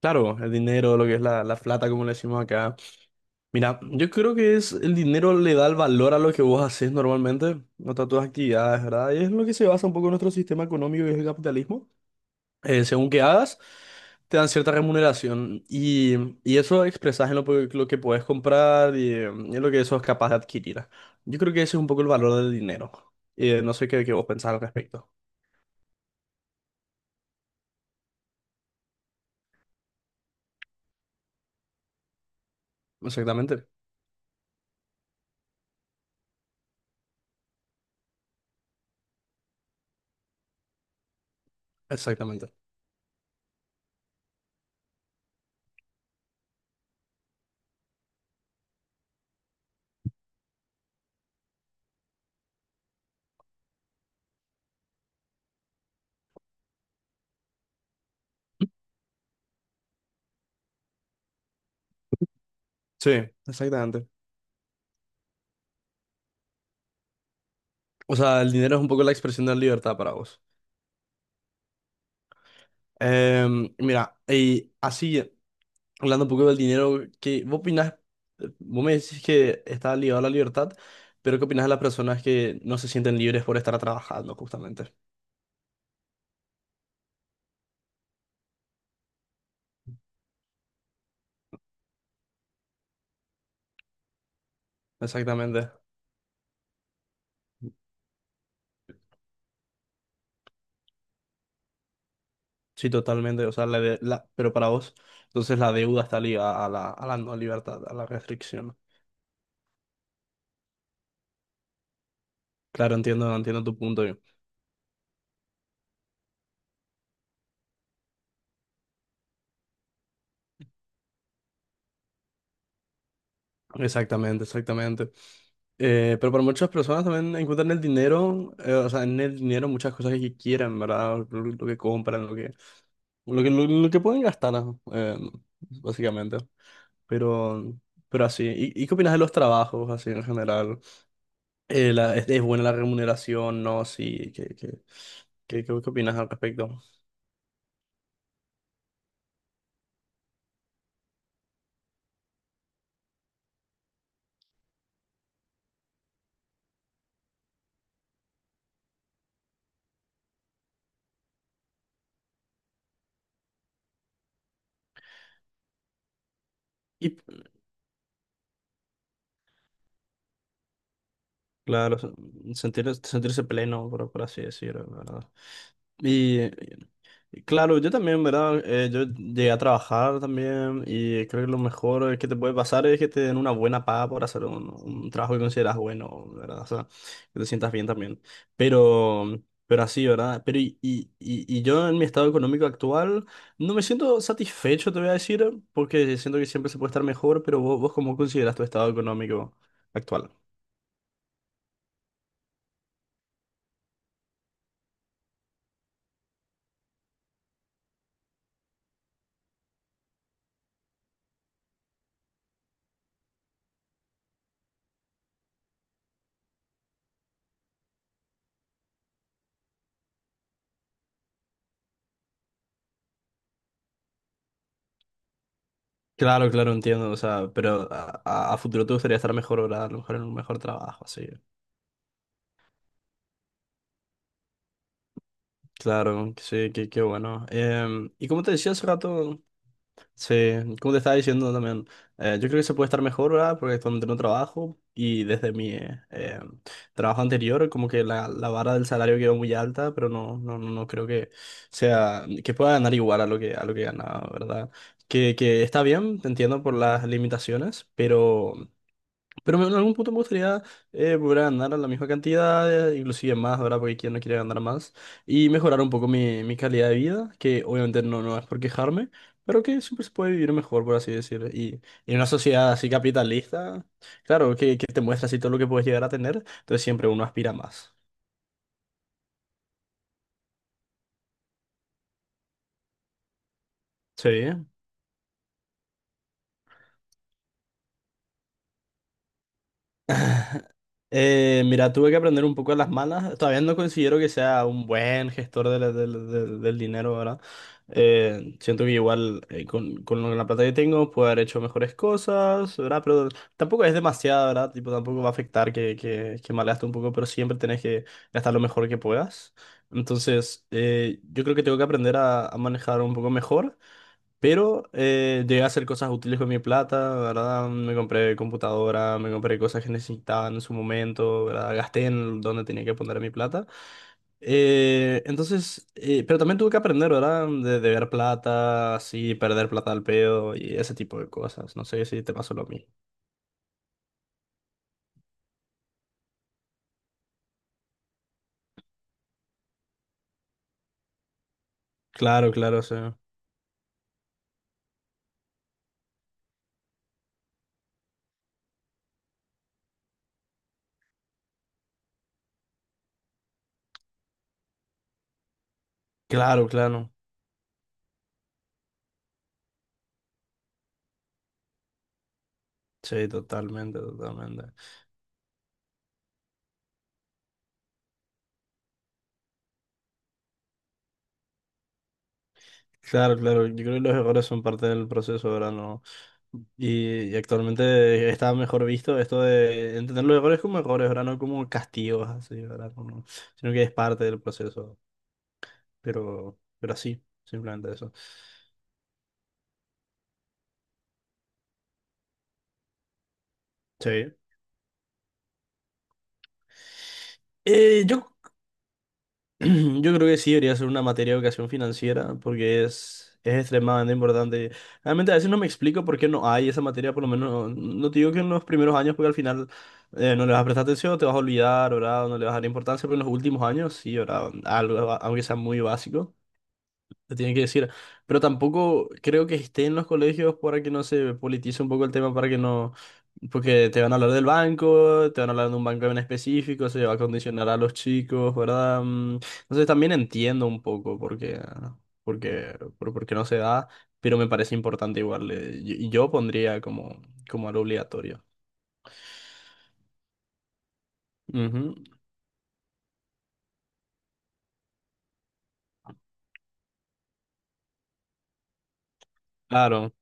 Claro, el dinero, lo que es la plata, como le decimos acá. Mira, yo creo que es el dinero le da el valor a lo que vos haces normalmente, a todas tus actividades, ¿verdad? Y es lo que se basa un poco en nuestro sistema económico y es el capitalismo. Según que hagas, te dan cierta remuneración y eso expresas en lo, lo que puedes comprar y, en lo que eso es capaz de adquirir. Yo creo que ese es un poco el valor del dinero. No sé qué vos pensás al respecto. Exactamente, exactamente. Sí, exactamente. O sea, el dinero es un poco la expresión de la libertad para vos. Mira, y así, hablando un poco del dinero, ¿ vos opinás? Vos me decís que está ligado a la libertad, pero ¿qué opinás de las personas que no se sienten libres por estar trabajando, justamente? Exactamente. Sí, totalmente. O sea, pero para vos, entonces la deuda está ligada a a la no libertad, a la restricción. Claro, entiendo, entiendo tu punto. Exactamente, exactamente. Pero para muchas personas también encuentran el dinero, o sea, en el dinero muchas cosas que quieran, ¿verdad? Lo que compran, lo que pueden gastar, ¿no? Básicamente. Pero, pero así. Y qué opinas de los trabajos, así en general? Es, ¿es buena la remuneración? ¿No? Sí, ¿ qué opinas al respecto? Y claro, sentir, sentirse pleno, por así decirlo, ¿verdad? Claro, yo también, ¿verdad? Yo llegué a trabajar también y creo que lo mejor que te puede pasar es que te den una buena paga por hacer un trabajo que consideras bueno, ¿verdad? O sea, que te sientas bien también. Pero así, ¿verdad? Pero y yo en mi estado económico actual no me siento satisfecho, te voy a decir, porque siento que siempre se puede estar mejor, pero vos, ¿cómo consideras tu estado económico actual? Claro, claro, entiendo, o sea, pero a futuro te gustaría estar mejor, ¿verdad? A lo mejor en un mejor trabajo, así. Claro, sí, qué bueno. Y como te decía hace rato, sí, como te estaba diciendo también, yo creo que se puede estar mejor, ¿verdad? Porque donde no trabajo y desde mi trabajo anterior, como que la vara del salario quedó muy alta, pero no creo que que pueda ganar igual a lo que ganaba, ¿verdad? Que está bien, te entiendo por las limitaciones, pero en algún punto me gustaría volver a ganar a la misma cantidad, inclusive más, ¿verdad? Porque quien no quiere ganar más. Y mejorar un poco mi calidad de vida, que obviamente no es por quejarme, pero que siempre se puede vivir mejor, por así decirlo. Y en una sociedad así capitalista, claro, que te muestra así todo lo que puedes llegar a tener, entonces siempre uno aspira a más. Sí. Mira, tuve que aprender un poco de las malas. Todavía no considero que sea un buen gestor de del dinero, ¿verdad? Siento que igual con, la plata que tengo puedo haber hecho mejores cosas, ¿verdad? Pero tampoco es demasiado, ¿verdad? Tipo, tampoco va a afectar que malgaste un poco, pero siempre tenés que gastar lo mejor que puedas. Entonces, yo creo que tengo que aprender a manejar un poco mejor. Pero llegué a hacer cosas útiles con mi plata, ¿verdad? Me compré computadora, me compré cosas que necesitaba en su momento, ¿verdad? Gasté en donde tenía que poner mi plata. Entonces, pero también tuve que aprender, ¿verdad? De deber plata, así, perder plata al pedo y ese tipo de cosas. No sé si te pasó lo mismo. Claro, claro, sí. Claro, claro. Sí, totalmente, totalmente. Claro, claro, yo creo que los errores son parte del proceso, ¿verdad? No. Y actualmente está mejor visto esto de entender los errores como errores, ¿verdad? No como castigos, así, ¿verdad? Sino que es parte del proceso, pero así, simplemente eso. Sí. Yo yo creo que sí debería ser una materia de educación financiera porque es extremadamente importante. Realmente a veces no me explico por qué no hay esa materia, por lo menos no te digo que en los primeros años porque al final no le vas a prestar atención, te vas a olvidar, ¿verdad? No le vas a dar importancia, pero en los últimos años sí, ¿verdad? Algo, aunque sea muy básico. Te tienen que decir. Pero tampoco creo que esté en los colegios para que no se politice un poco el tema, para que no. Porque te van a hablar del banco, te van a hablar de un banco en específico, se va a condicionar a los chicos, ¿verdad? Mm, entonces también entiendo un poco por qué, por qué no se da, pero me parece importante igual. Y yo pondría como, como algo obligatorio. Ujú. Claro,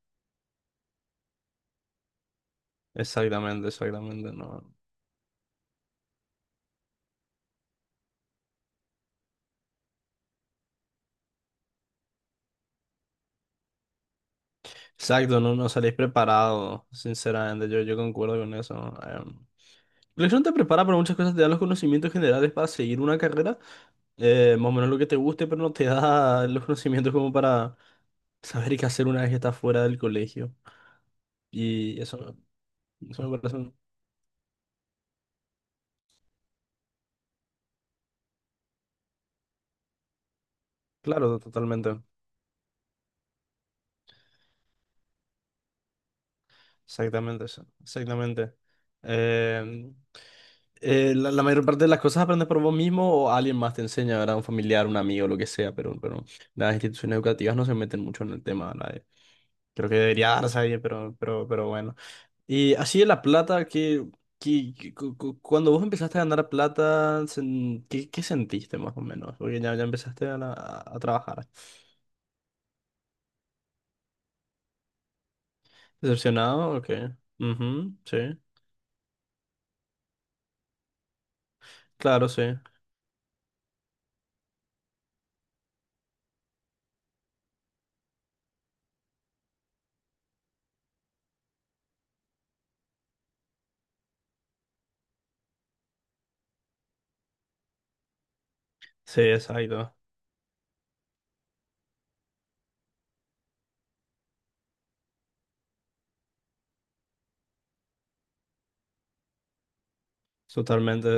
exactamente, exactamente, ¿no? Exacto, no, no salís preparado, sinceramente, yo concuerdo con eso. Em. La lección te prepara para muchas cosas, te da los conocimientos generales para seguir una carrera, más o menos lo que te guste, pero no te da los conocimientos como para saber qué hacer una vez que estás fuera del colegio. Y eso, eso me parece, claro, totalmente. Exactamente eso, exactamente. Em, la mayor parte de las cosas aprendes por vos mismo o alguien más te enseña, ¿verdad? Un familiar, un amigo, lo que sea, pero las instituciones educativas no se meten mucho en el tema, ¿verdad? Creo que debería darse ahí, pero bueno. Y así de la plata, cuando vos empezaste a ganar plata, ¿qué, qué sentiste más o menos? Porque ya, ya empezaste a trabajar. ¿Decepcionado? Ok. Ujú, sí. Claro, sí. Sí, exacto. Totalmente.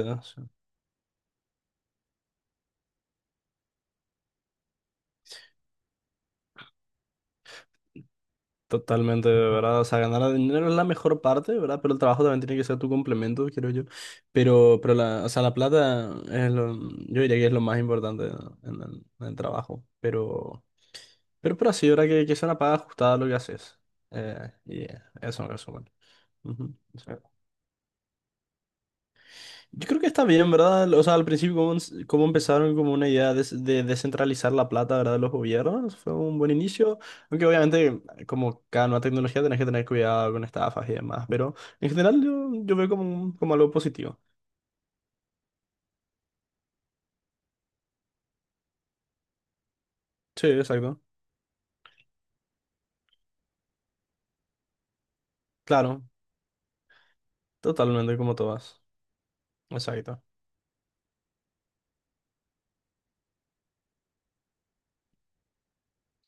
Totalmente, ¿verdad? O sea, ganar dinero es la mejor parte, ¿verdad? Pero el trabajo también tiene que ser tu complemento, creo yo. O sea, la plata es lo, yo diría que es lo más importante en en el trabajo. Pero así, ¿verdad? Que sea una paga ajustada a lo que haces. Y eso en resumen. Ujú. Yo creo que está bien, ¿verdad? O sea, al principio, como, como empezaron como una idea de descentralizar la plata, ¿verdad? De los gobiernos, fue un buen inicio. Aunque obviamente, como cada nueva tecnología, tenés que tener cuidado con estafas y demás. Pero en general, yo veo como, como algo positivo. Sí, exacto. Claro, totalmente, como todas. Exacto.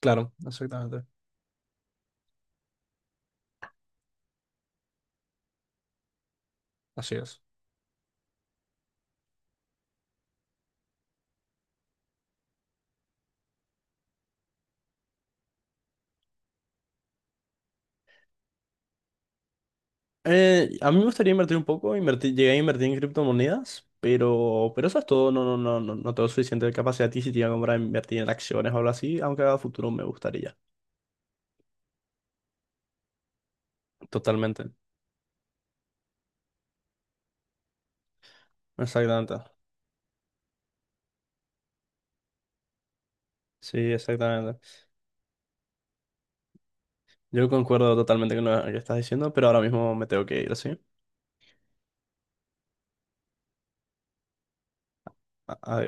Claro, exactamente. Así es. A mí me gustaría invertir un poco, llegué a invertir en criptomonedas, pero eso es todo, no tengo suficiente capacidad adquisitiva como para invertir en acciones o algo así, aunque a futuro me gustaría. Totalmente, exactamente. Sí, exactamente. Yo concuerdo totalmente con lo que estás diciendo, pero ahora mismo me tengo que ir, ¿sí? A- Adiós.